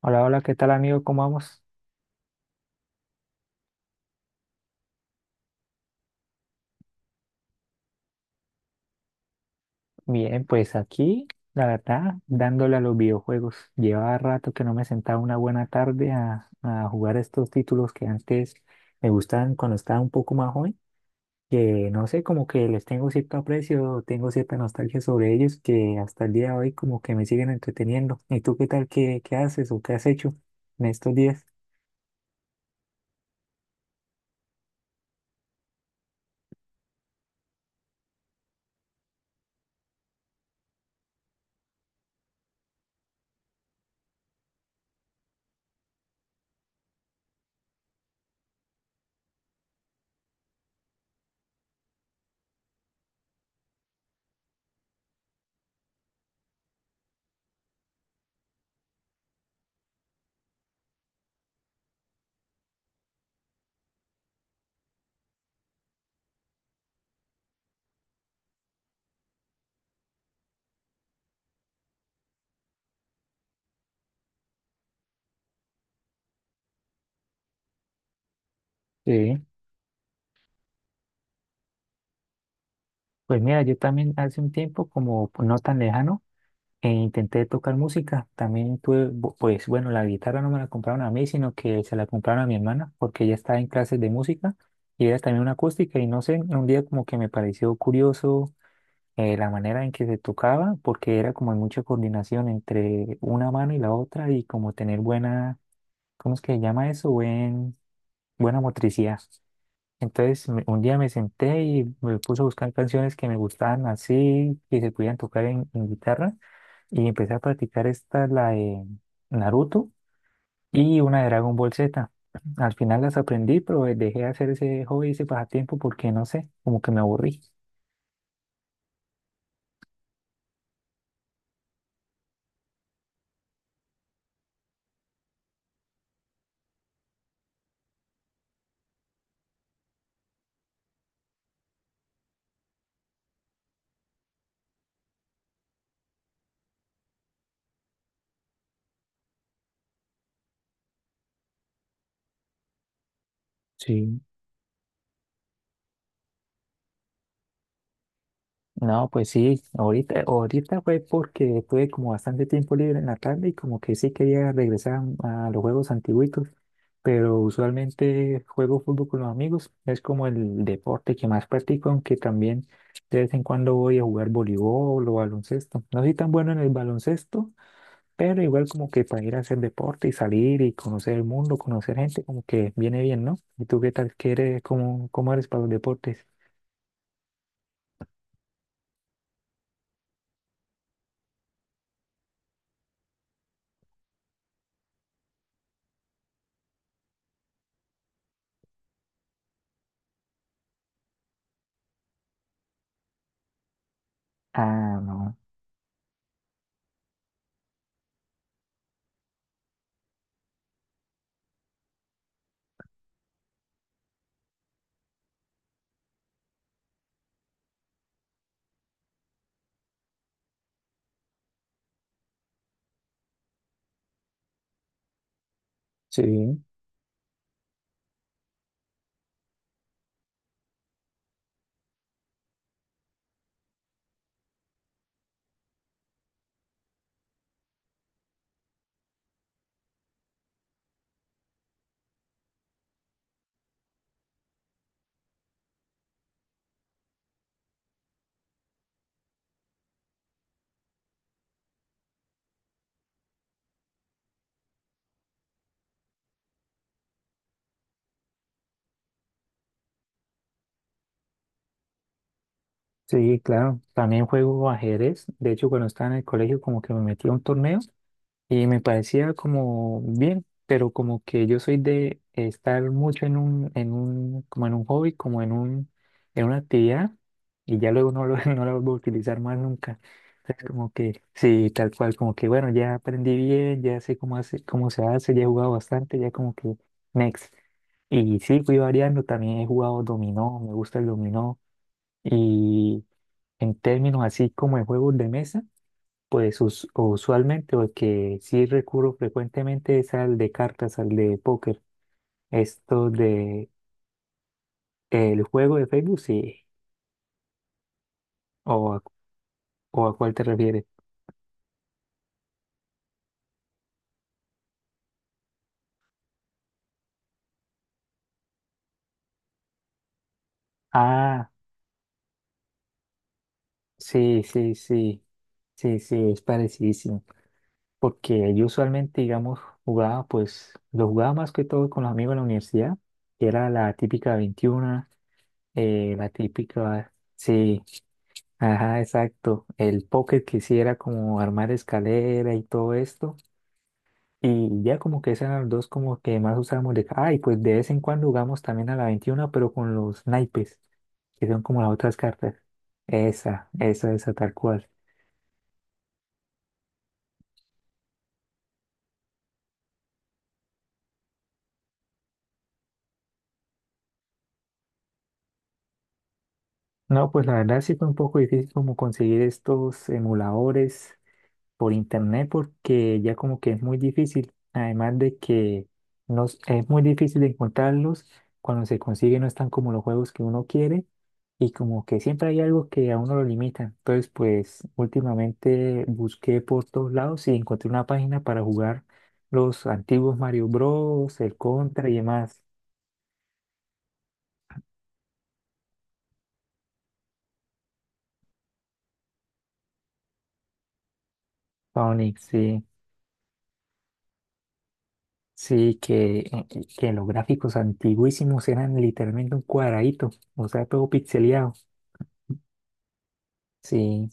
Hola, hola, ¿qué tal amigo? ¿Cómo vamos? Bien, pues aquí, la verdad, dándole a los videojuegos. Llevaba rato que no me sentaba una buena tarde a jugar estos títulos que antes me gustaban cuando estaba un poco más joven, que no sé, como que les tengo cierto aprecio, tengo cierta nostalgia sobre ellos, que hasta el día de hoy como que me siguen entreteniendo. ¿Y tú qué tal? ¿Qué haces o qué has hecho en estos días? Sí. Pues mira, yo también hace un tiempo, como no tan lejano, E intenté tocar música, también tuve, pues bueno, la guitarra no me la compraron a mí, sino que se la compraron a mi hermana, porque ella estaba en clases de música y era también una acústica y no sé, un día como que me pareció curioso la manera en que se tocaba, porque era como mucha coordinación entre una mano y la otra y como tener buena, ¿cómo es que se llama eso? Buen, buena motricidad. Un día me senté y me puse a buscar canciones que me gustaban así, que se pudieran tocar en guitarra. Y empecé a practicar esta, la de Naruto y una de Dragon Ball Z. Al final las aprendí, pero dejé de hacer ese hobby, ese pasatiempo, porque no sé, como que me aburrí. Sí. No, pues sí, ahorita fue porque tuve como bastante tiempo libre en la tarde y como que sí quería regresar a los juegos antiguitos, pero usualmente juego fútbol con los amigos, es como el deporte que más practico, aunque también de vez en cuando voy a jugar voleibol o baloncesto. No soy tan bueno en el baloncesto, pero igual como que para ir a hacer deporte y salir y conocer el mundo, conocer gente, como que viene bien, ¿no? ¿Y tú qué tal? ¿Qué eres? ¿Cómo eres para los deportes? Ah, no. Sí, sí, claro. También juego ajedrez. De hecho, cuando estaba en el colegio como que me metí a un torneo y me parecía como bien, pero como que yo soy de estar mucho como en un hobby, en una actividad, y ya luego no lo, no la vuelvo a utilizar más nunca. Entonces como que, sí, tal cual, como que bueno, ya aprendí bien, ya sé cómo hace, cómo se hace, ya he jugado bastante, ya como que next. Y sí, fui variando, también he jugado dominó, me gusta el dominó, y en términos así como de juegos de mesa. Pues usualmente, o el que sí recurro frecuentemente es al de cartas, al de póker. Esto de el juego de Facebook, sí. ¿O a, ¿O a cuál te refieres? Ah, sí, sí, sí. Sí, sí, es parecidísimo. Porque yo usualmente, digamos, jugaba, pues, lo jugaba más que todo con los amigos en la universidad, que era la típica 21, la típica, sí, ajá, exacto. El póker que sí era como armar escalera y todo esto. Y ya como que esas eran las dos como que más usábamos de... Ah, y pues de vez en cuando jugamos también a la 21 pero con los naipes, que son como las otras cartas. Esa, tal cual. No, pues la verdad sí fue un poco difícil como conseguir estos emuladores por internet porque ya como que es muy difícil, además de que es muy difícil encontrarlos, cuando se consigue no están como los juegos que uno quiere y como que siempre hay algo que a uno lo limita. Entonces pues últimamente busqué por todos lados y encontré una página para jugar los antiguos Mario Bros, el Contra y demás. Sonic, sí. Sí, que los gráficos antiguísimos eran literalmente un cuadradito, o sea, todo pixeleado. Sí,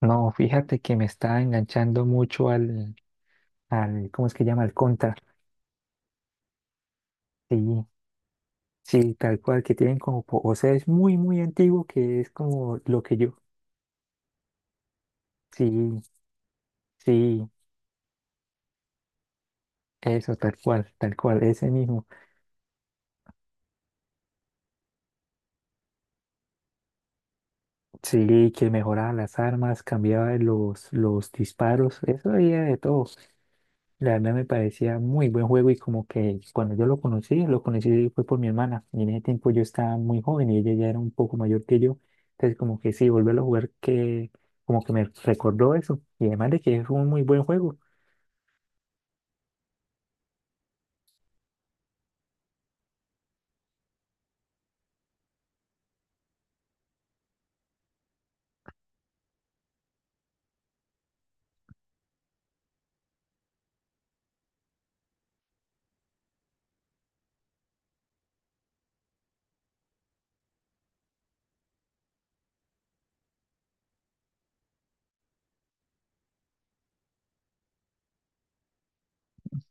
no, fíjate que me está enganchando mucho al, ¿cómo es que llama? Al Contra. Sí, sí, tal cual, que tienen como, o sea, es muy, muy antiguo, que es como lo que yo. Sí, sí, eso, tal cual, ese mismo. Sí, que mejoraba las armas, cambiaba los disparos, eso había de todo. La verdad me parecía muy buen juego y como que cuando yo lo conocí fue por mi hermana y en ese tiempo yo estaba muy joven y ella ya era un poco mayor que yo, entonces como que sí, volverlo a jugar que como que me recordó eso y además de que es un muy buen juego,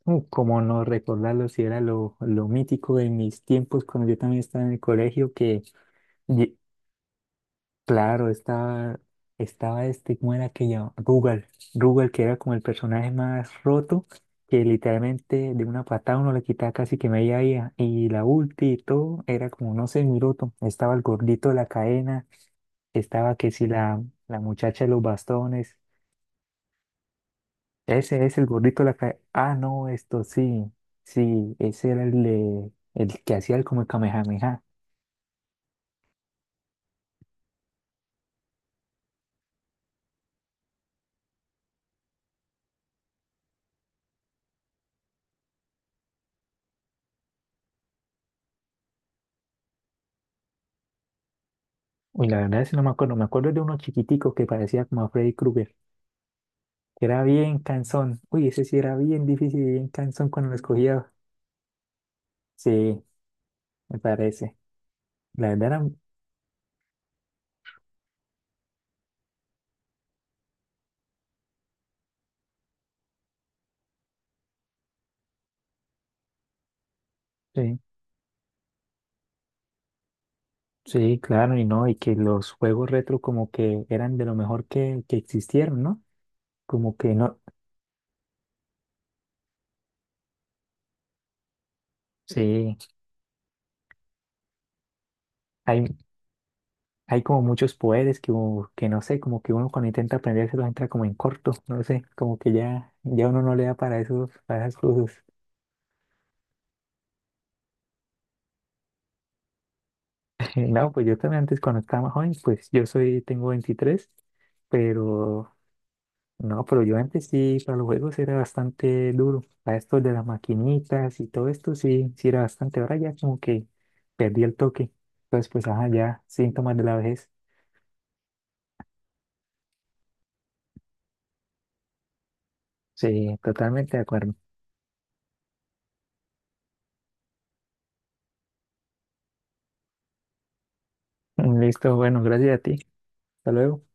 como no recordarlo si era lo mítico de mis tiempos cuando yo también estaba en el colegio que lle- claro, estaba este, ¿cómo era que llamaba? Rugal. Rugal, que era como el personaje más roto, que literalmente de una patada uno le quitaba casi que media vida. Y la ulti y todo era como, no sé, muy roto. Estaba el gordito de la cadena, estaba que si la muchacha de los bastones. Ese es el gordito de la cadena. Ah, no, esto sí, sí, ese era el que hacía el como el Kamehameha. Uy, la verdad es que no me acuerdo, me acuerdo de uno chiquitico que parecía como a Freddy Krueger. Que era bien cansón. Uy, ese sí era bien difícil y bien cansón cuando lo escogía. Sí, me parece. La verdad era- sí, sí, claro, y no, y que los juegos retro como que eran de lo mejor que existieron, ¿no? Como que no, sí, hay, hay como muchos poderes que no sé, como que uno cuando intenta aprenderse lo entra como en corto, no sé, como que ya, ya uno no le da para esos, para esas cosas. No, pues yo también antes cuando estaba más joven, pues yo soy, tengo 23 pero no, pero yo antes sí, para los juegos era bastante duro. Para esto de las maquinitas y todo esto sí, sí era bastante. Ahora ya como que perdí el toque. Entonces, pues, ajá, ya, síntomas de la vejez. Sí, totalmente de acuerdo. Listo, bueno, gracias a ti. Hasta luego.